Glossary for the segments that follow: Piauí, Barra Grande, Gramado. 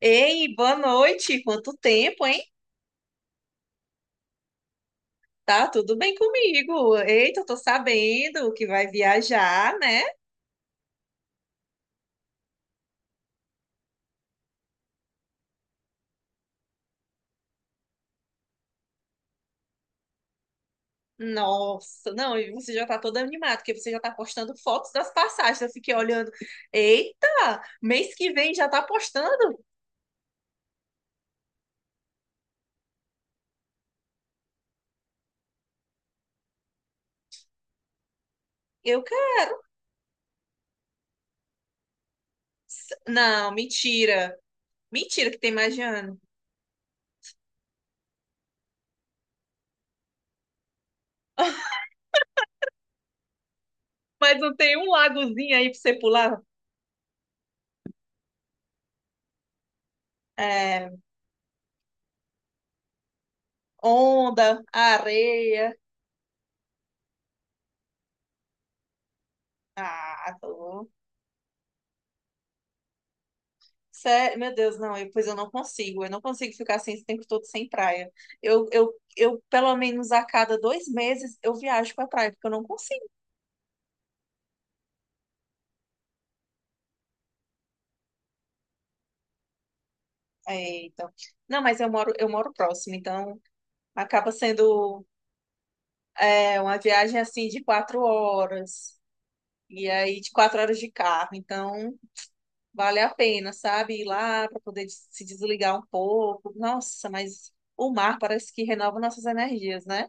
Ei, boa noite. Quanto tempo, hein? Tá tudo bem comigo? Eita, eu tô sabendo que vai viajar, né? Nossa, não, e você já tá toda animada, porque você já tá postando fotos das passagens. Eu fiquei olhando. Eita, mês que vem já tá postando? Eu quero. Não, mentira. Mentira que tem mais de ano. Mas não tem um lagozinho aí pra você pular? É, onda, areia. Ah, tô. Sério, meu Deus, não, pois eu não consigo ficar assim esse tempo todo sem praia. Pelo menos a cada 2 meses, eu viajo pra praia, porque eu não consigo. É, então. Não, mas eu moro próximo, então acaba sendo é, uma viagem assim de 4 horas, e aí de 4 horas de carro, então vale a pena, sabe? Ir lá pra poder se desligar um pouco. Nossa, mas o mar parece que renova nossas energias, né?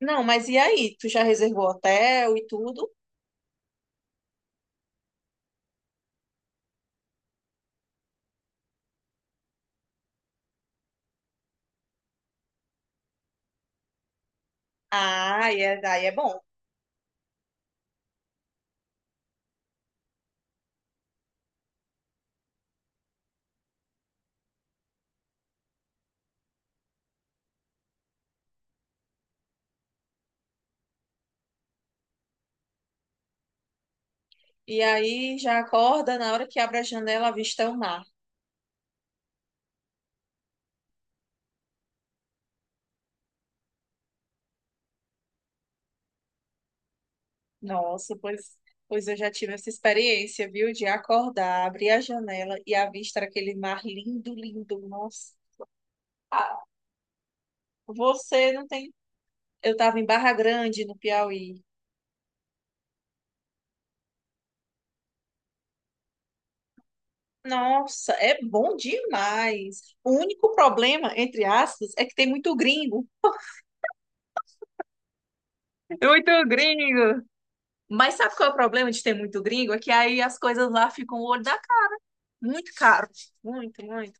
Não, mas e aí? Tu já reservou hotel e tudo? Ah, e é, daí é bom. E aí já acorda, na hora que abre a janela, avista o mar. Nossa, pois, pois eu já tive essa experiência, viu? De acordar, abrir a janela e avistar aquele mar lindo, lindo. Nossa, ah, você não tem. Eu estava em Barra Grande, no Piauí. Nossa, é bom demais. O único problema, entre aspas, é que tem muito gringo. Muito gringo. Mas sabe qual é o problema de ter muito gringo? É que aí as coisas lá ficam o olho da muito caro. Muito, muito.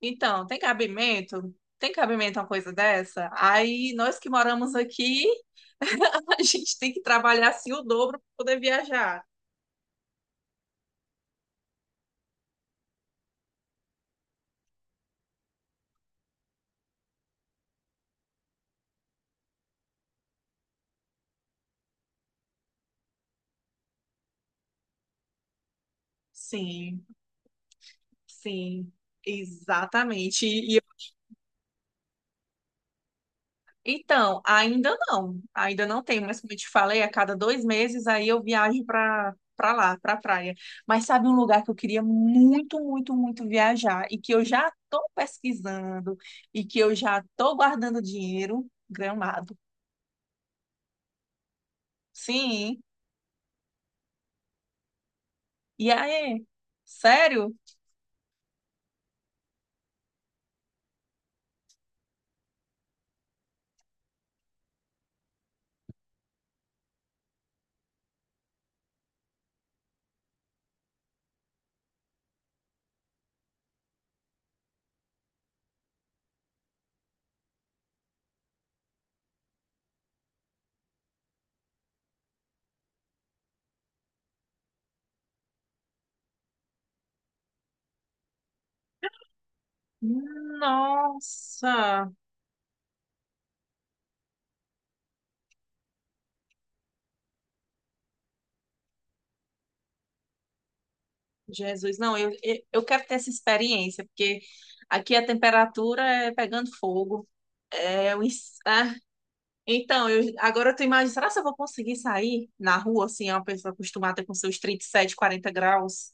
Então, tem cabimento? Tem cabimento uma coisa dessa? Aí, nós que moramos aqui, a gente tem que trabalhar assim o dobro para poder viajar. Sim, sim, exatamente. E, então, ainda não tenho, mas como eu te falei, a cada dois meses aí eu viajo para lá, para praia. Mas sabe um lugar que eu queria muito, muito, muito viajar e que eu já estou pesquisando e que eu já estou guardando dinheiro? Gramado. Sim. E aí? Sério? Nossa, Jesus, não, eu quero ter essa experiência, porque aqui a temperatura é pegando fogo. É, Então, eu, agora eu tô imaginando, será que eu vou conseguir sair na rua, assim, é uma pessoa acostumada com seus 37, 40 graus?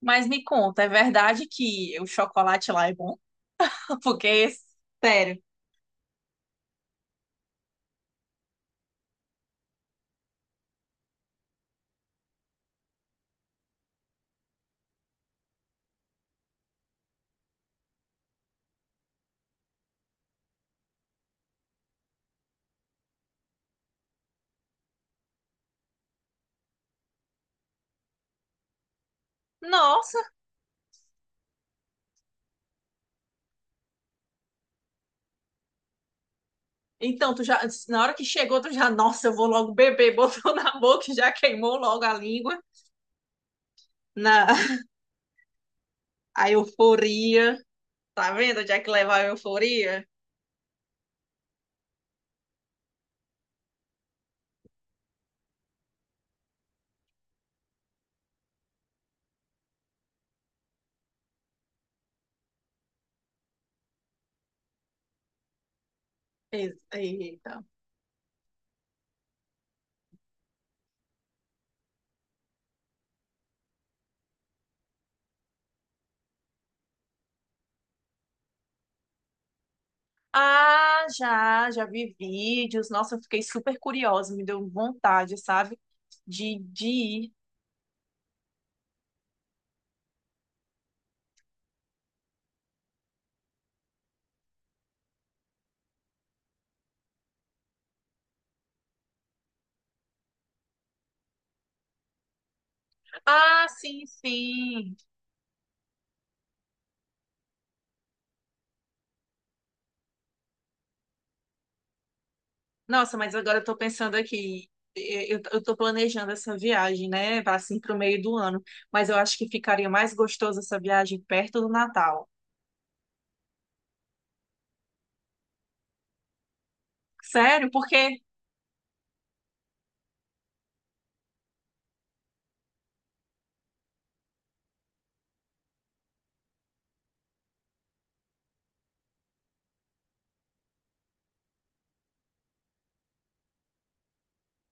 Mas me conta, é verdade que o chocolate lá é bom? Porque, sério, nossa! Então, tu já, na hora que chegou, tu já, nossa, eu vou logo beber, botou na boca, e já queimou logo a língua, na a euforia. Tá vendo onde é que leva a euforia? Eita. Ah, já, já vi vídeos. Nossa, eu fiquei super curiosa, me deu vontade, sabe? De ir. Ah, sim, sim. Nossa, mas agora eu tô pensando aqui, eu tô planejando essa viagem, né, pra, assim pro meio do ano, mas eu acho que ficaria mais gostoso essa viagem perto do Natal. Sério? Porque,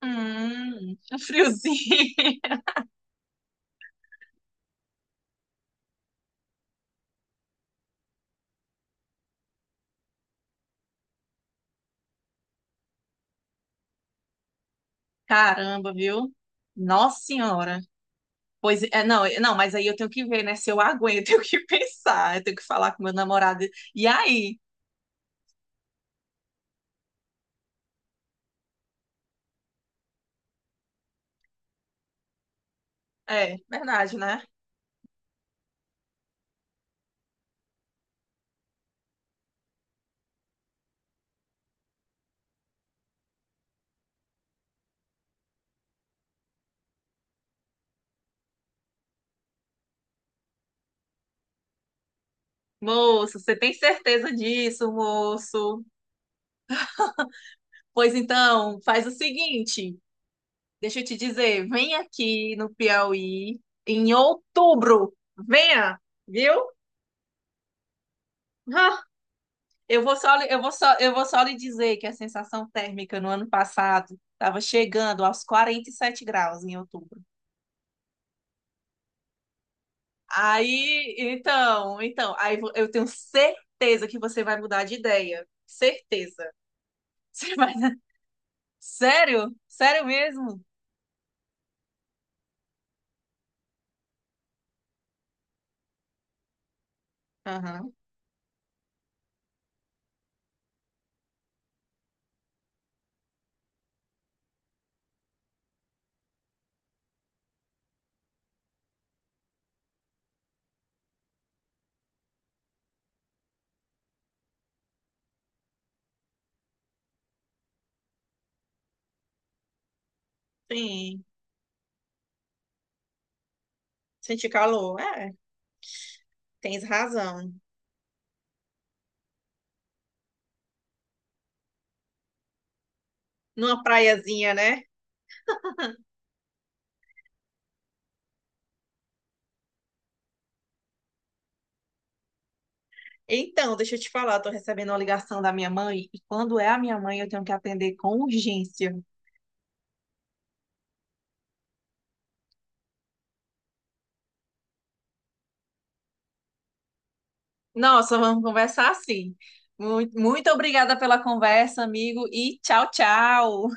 um friozinho. Caramba, viu? Nossa Senhora. Pois é, não, não, mas aí eu tenho que ver, né, se eu aguento, eu tenho que pensar, eu tenho que falar com meu namorado. E aí? É, verdade, né? Moço, você tem certeza disso, moço? Pois então, faz o seguinte. Deixa eu te dizer, vem aqui no Piauí em outubro. Venha, viu? Ah, eu vou só, eu vou só, eu vou só lhe dizer que a sensação térmica no ano passado estava chegando aos 47 graus em outubro. Aí, então, então, eu tenho certeza que você vai mudar de ideia. Certeza. Você vai... Sério? Sério mesmo? Aham. Sim, senti calor. É, tens razão. Numa praiazinha, né? Então, deixa eu te falar, eu tô recebendo uma ligação da minha mãe e quando é a minha mãe eu tenho que atender com urgência. Nossa, vamos conversar sim. Muito, muito obrigada pela conversa, amigo, e tchau, tchau.